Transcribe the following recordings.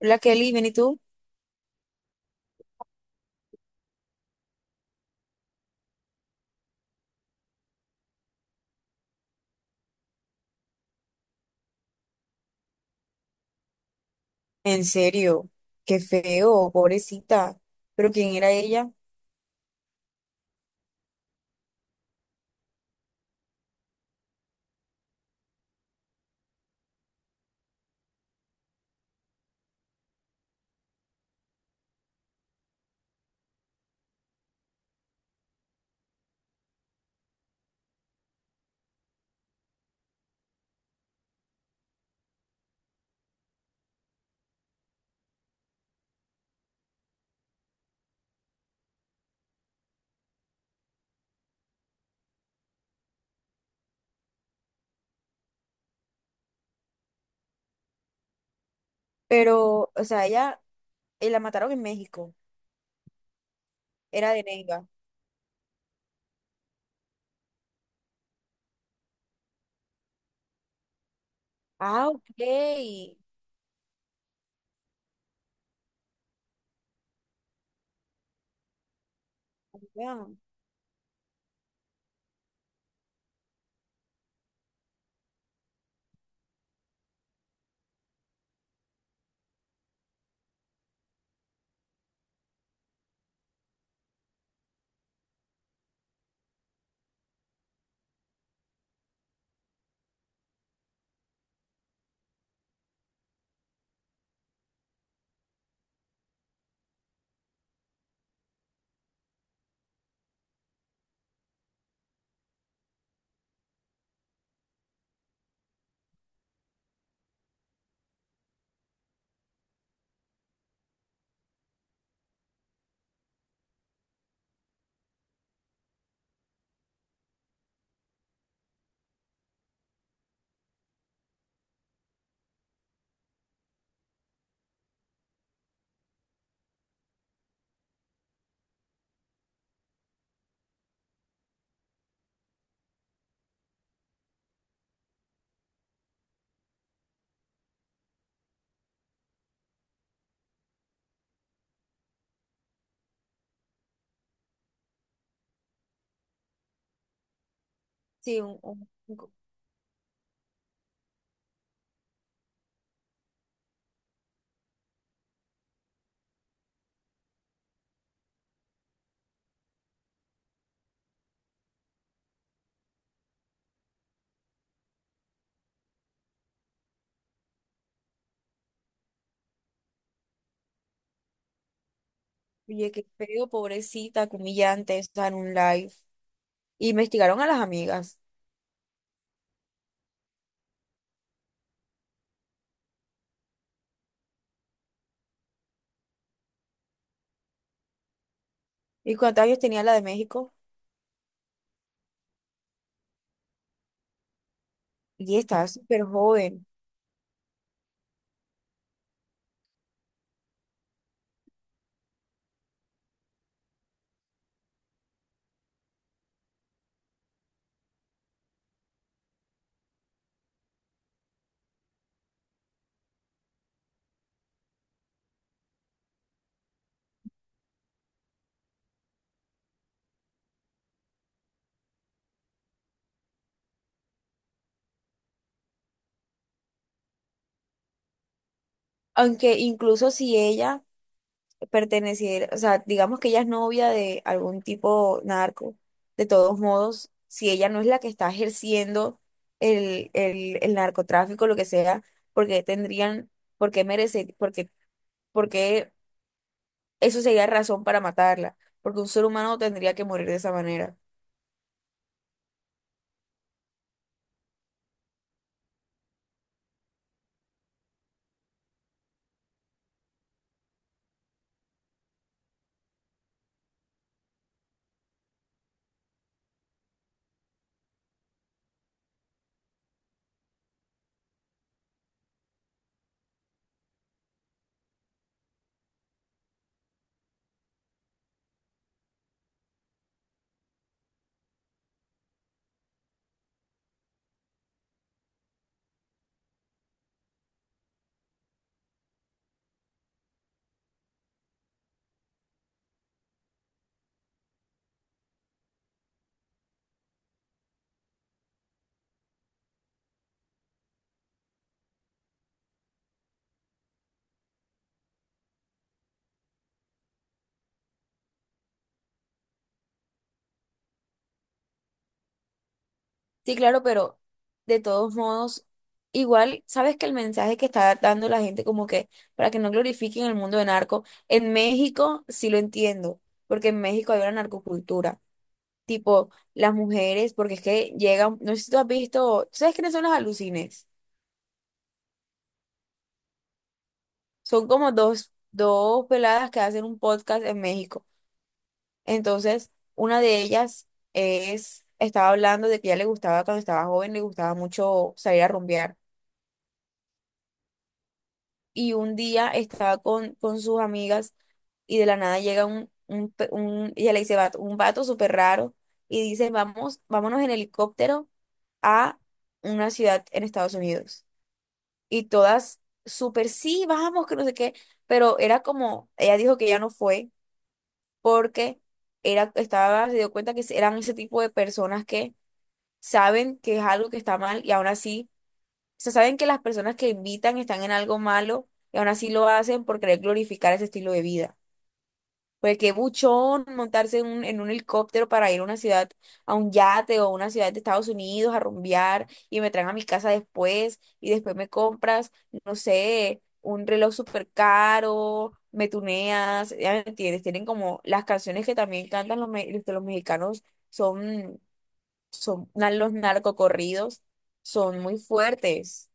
Hola Kelly, ¿bien y tú? En serio, qué feo, pobrecita. Pero ¿quién era ella? Pero, o sea, ella la mataron en México, era de Neiva. Ah, ok. Ya. Sí, un, un- un- co- Oye, qué feo, pobrecita, qué humillante, o sea, en un live. Y investigaron a las amigas. ¿Y cuántos años tenía la de México? Y estaba súper joven. Aunque incluso si ella pertenecer, o sea, digamos que ella es novia de algún tipo narco, de todos modos, si ella no es la que está ejerciendo el narcotráfico, lo que sea, porque tendrían, porque merece, porque, porque eso sería razón para matarla, porque un ser humano tendría que morir de esa manera. Sí, claro, pero de todos modos, igual, sabes que el mensaje que está dando la gente como que para que no glorifiquen el mundo de narco, en México sí lo entiendo, porque en México hay una narcocultura, tipo las mujeres, porque es que llegan, no sé si tú has visto, ¿sabes quiénes son las alucines? Son como dos peladas que hacen un podcast en México. Entonces, una de ellas es, estaba hablando de que ya le gustaba cuando estaba joven, le gustaba mucho salir a rumbear. Y un día estaba con sus amigas y de la nada llega ella le dice, vato, un vato súper raro y dice, vamos, vámonos en helicóptero a una ciudad en Estados Unidos. Y todas súper, sí, vamos, que no sé qué, pero era como, ella dijo que ya no fue porque era, estaba, se dio cuenta que eran ese tipo de personas que saben que es algo que está mal y aún así sea, saben que las personas que invitan están en algo malo y aún así lo hacen por querer glorificar ese estilo de vida. Porque qué buchón montarse en un helicóptero para ir a una ciudad, a un yate o a una ciudad de Estados Unidos a rumbear y me traen a mi casa después y después me compras, no sé, un reloj súper caro, me tuneas, ya me entiendes, tienen como las canciones que también cantan los, los mexicanos son, los narcocorridos, son muy fuertes.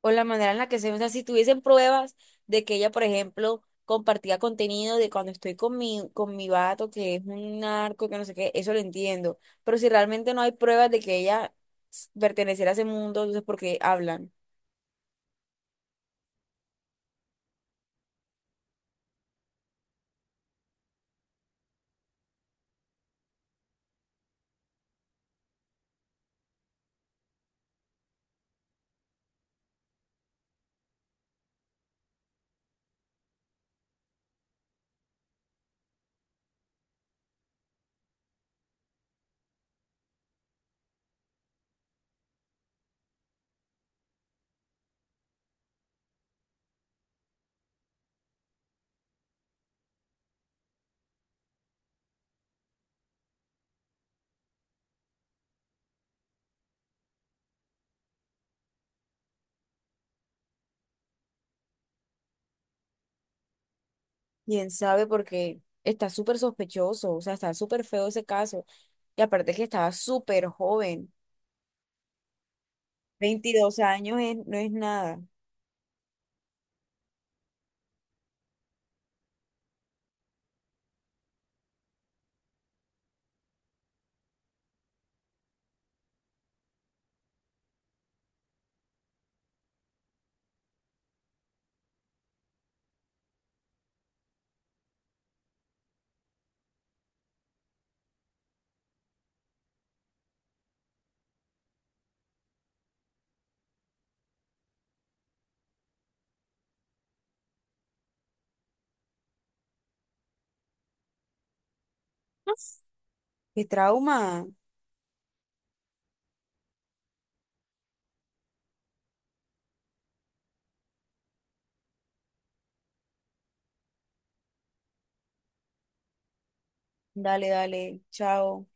O la manera en la que se, o sea, si tuviesen pruebas de que ella, por ejemplo, compartía contenido de cuando estoy con mi vato, que es un narco, que no sé qué, eso lo entiendo. Pero si realmente no hay pruebas de que ella perteneciera a ese mundo, entonces ¿por qué hablan? ¿Quién sabe? Porque está súper sospechoso, o sea, está súper feo ese caso. Y aparte que estaba súper joven, 22 años es- no es nada. Qué trauma. Dale, dale, chao.